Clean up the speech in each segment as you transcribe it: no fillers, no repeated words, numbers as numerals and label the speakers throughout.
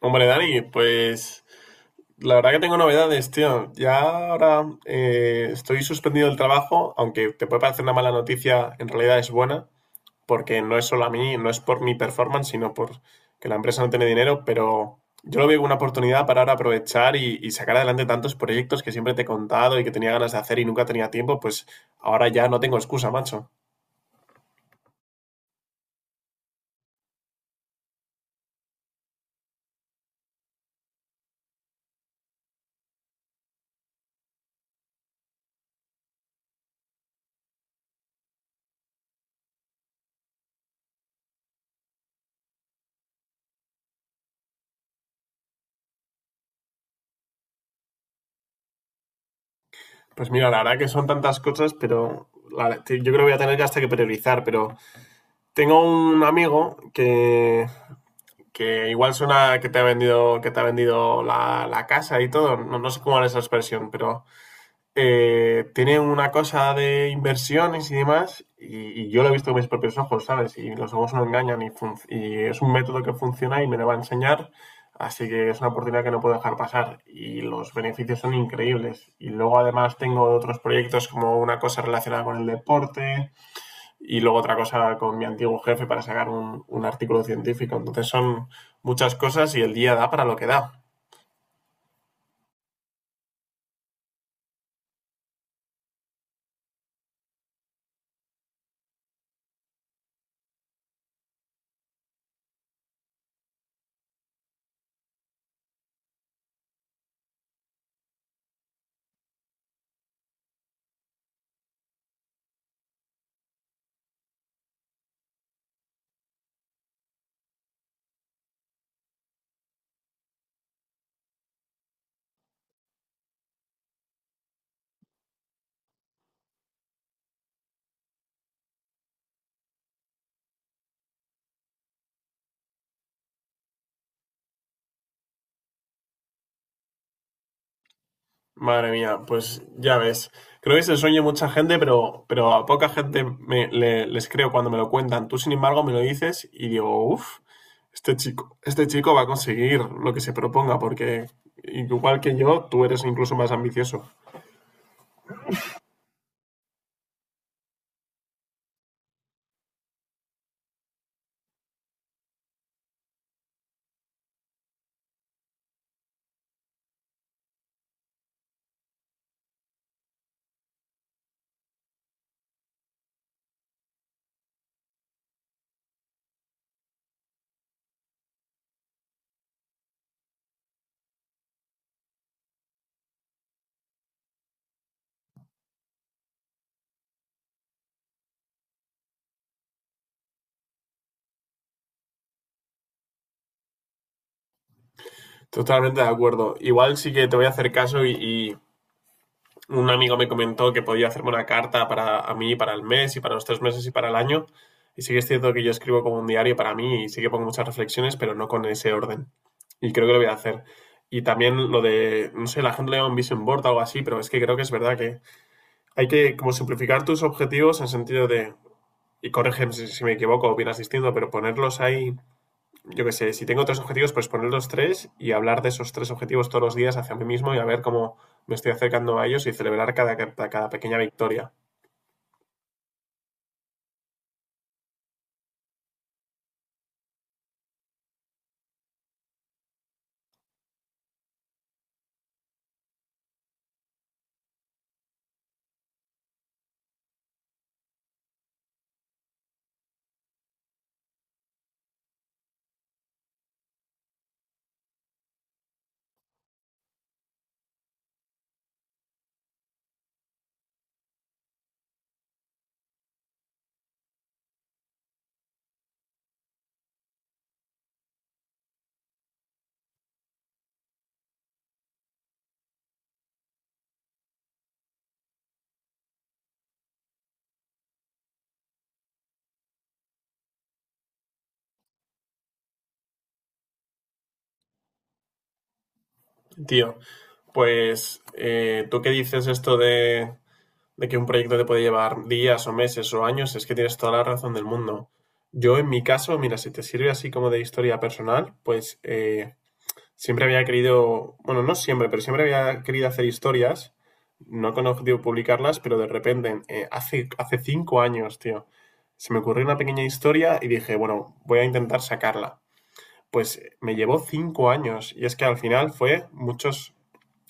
Speaker 1: Hombre, Dani, pues la verdad que tengo novedades, tío. Ya ahora estoy suspendido del trabajo, aunque te puede parecer una mala noticia, en realidad es buena, porque no es solo a mí, no es por mi performance, sino por que la empresa no tiene dinero, pero yo lo veo como una oportunidad para ahora aprovechar y sacar adelante tantos proyectos que siempre te he contado y que tenía ganas de hacer y nunca tenía tiempo, pues ahora ya no tengo excusa, macho. Pues mira, la verdad que son tantas cosas, pero yo creo que voy a tener que hasta que priorizar, pero. Tengo un amigo que igual suena que te ha vendido la casa y todo. No, no sé cómo es esa expresión, pero tiene una cosa de inversiones y demás. Y yo lo he visto con mis propios ojos, ¿sabes? Y los ojos no engañan y es un método que funciona y me lo va a enseñar. Así que es una oportunidad que no puedo dejar pasar y los beneficios son increíbles. Y luego además tengo otros proyectos como una cosa relacionada con el deporte, y luego otra cosa con mi antiguo jefe para sacar un artículo científico. Entonces son muchas cosas y el día da para lo que da. Madre mía, pues ya ves. Creo que es el sueño de mucha gente, pero a poca gente les creo cuando me lo cuentan. Tú, sin embargo, me lo dices y digo, uff, este chico va a conseguir lo que se proponga, porque igual que yo, tú eres incluso más ambicioso. Totalmente de acuerdo. Igual sí que te voy a hacer caso y un amigo me comentó que podía hacerme una carta para a mí, para el mes y para los 3 meses y para el año. Y sí que es cierto que yo escribo como un diario para mí y sí que pongo muchas reflexiones, pero no con ese orden. Y creo que lo voy a hacer. Y también lo de, no sé, la gente le llama un vision board o algo así, pero es que creo que es verdad que hay que como simplificar tus objetivos en sentido de, y corrígeme si me equivoco o bien asistiendo, pero ponerlos ahí yo qué sé, si tengo tres objetivos, pues poner los tres y hablar de esos tres objetivos todos los días hacia mí mismo y a ver cómo me estoy acercando a ellos y celebrar cada pequeña victoria. Tío, pues tú que dices esto de que un proyecto te puede llevar días o meses o años, es que tienes toda la razón del mundo. Yo en mi caso, mira, si te sirve así como de historia personal, pues Siempre había querido, bueno, no siempre, pero siempre había querido hacer historias, no con objetivo de publicarlas, pero de repente, hace 5 años, tío, se me ocurrió una pequeña historia y dije, bueno, voy a intentar sacarla. Pues me llevó 5 años y es que al final fue muchos,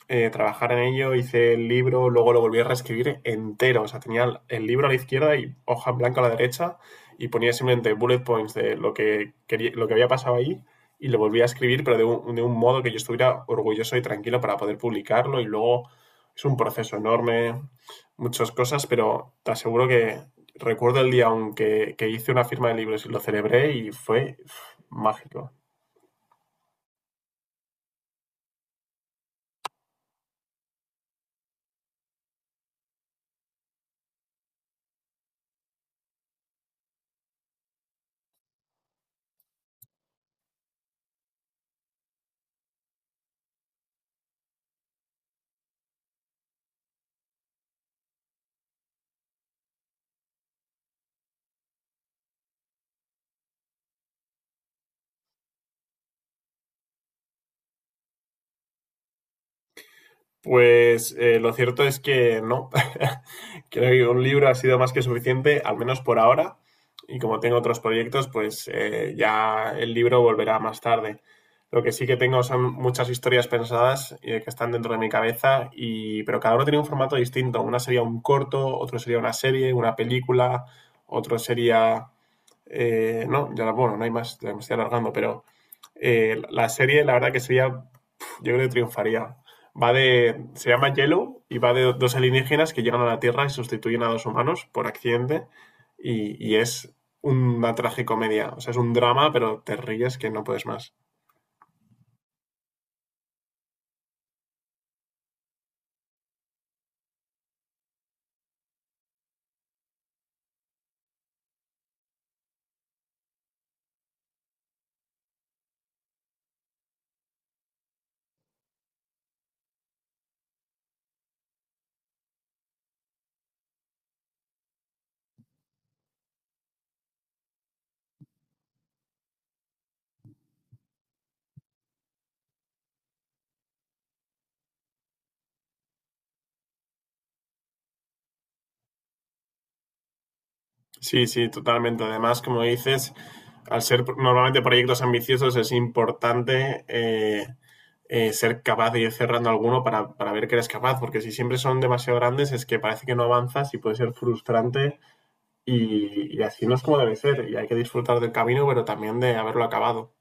Speaker 1: trabajar en ello, hice el libro, luego lo volví a reescribir entero. O sea, tenía el libro a la izquierda y hoja en blanco a la derecha y ponía simplemente bullet points de lo que, quería, lo que había pasado ahí y lo volví a escribir, pero de un modo que yo estuviera orgulloso y tranquilo para poder publicarlo y luego es un proceso enorme, muchas cosas, pero te aseguro que recuerdo el día aunque que hice una firma de libros y lo celebré y fue mágico. Pues lo cierto es que no. Creo que un libro ha sido más que suficiente, al menos por ahora. Y como tengo otros proyectos, pues ya el libro volverá más tarde. Lo que sí que tengo son muchas historias pensadas que están dentro de mi cabeza, y, pero cada uno tiene un formato distinto. Una sería un corto, otro sería una serie, una película, otro sería. No, ya bueno, no hay más, ya me estoy alargando, pero la serie la verdad que sería yo creo que triunfaría. Va de. Se llama Yellow y va de dos alienígenas que llegan a la Tierra y sustituyen a dos humanos por accidente. Y es una tragicomedia. O sea, es un drama, pero te ríes que no puedes más. Sí, sí, totalmente. Además, como dices, al ser normalmente proyectos ambiciosos, es importante ser capaz de ir cerrando alguno para ver que eres capaz, porque si siempre son demasiado grandes, es que parece que no avanzas y puede ser frustrante. Y así no es como debe ser. Y hay que disfrutar del camino, pero también de haberlo acabado.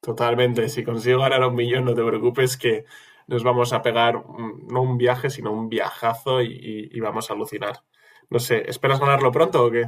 Speaker 1: Totalmente. Si consigo ganar un millón, no te preocupes que nos vamos a pegar no un viaje, sino un viajazo y vamos a alucinar. No sé, ¿esperas ganarlo pronto o qué?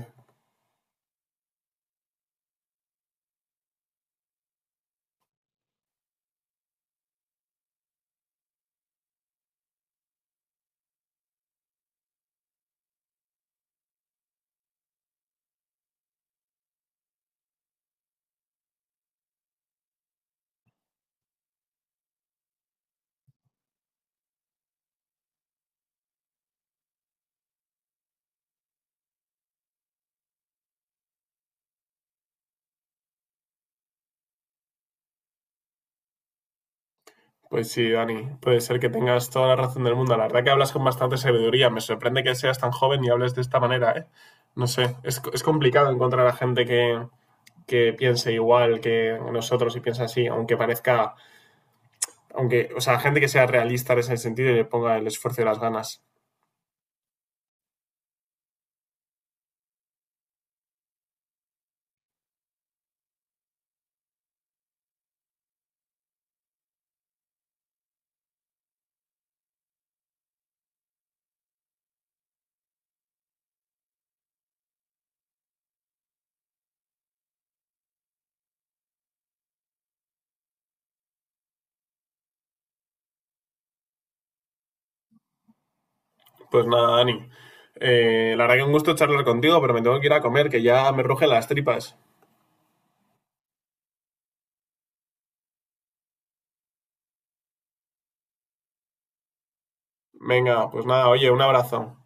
Speaker 1: Pues sí, Dani, puede ser que tengas toda la razón del mundo. La verdad que hablas con bastante sabiduría. Me sorprende que seas tan joven y hables de esta manera, ¿eh? No sé, es complicado encontrar a gente que piense igual que nosotros y piensa así, aunque parezca. Aunque, o sea, gente que sea realista en ese sentido y le ponga el esfuerzo y las ganas. Pues nada, Dani. La verdad que un gusto charlar contigo, pero me tengo que ir a comer, que ya me rugen las tripas. Venga, pues nada, oye, un abrazo.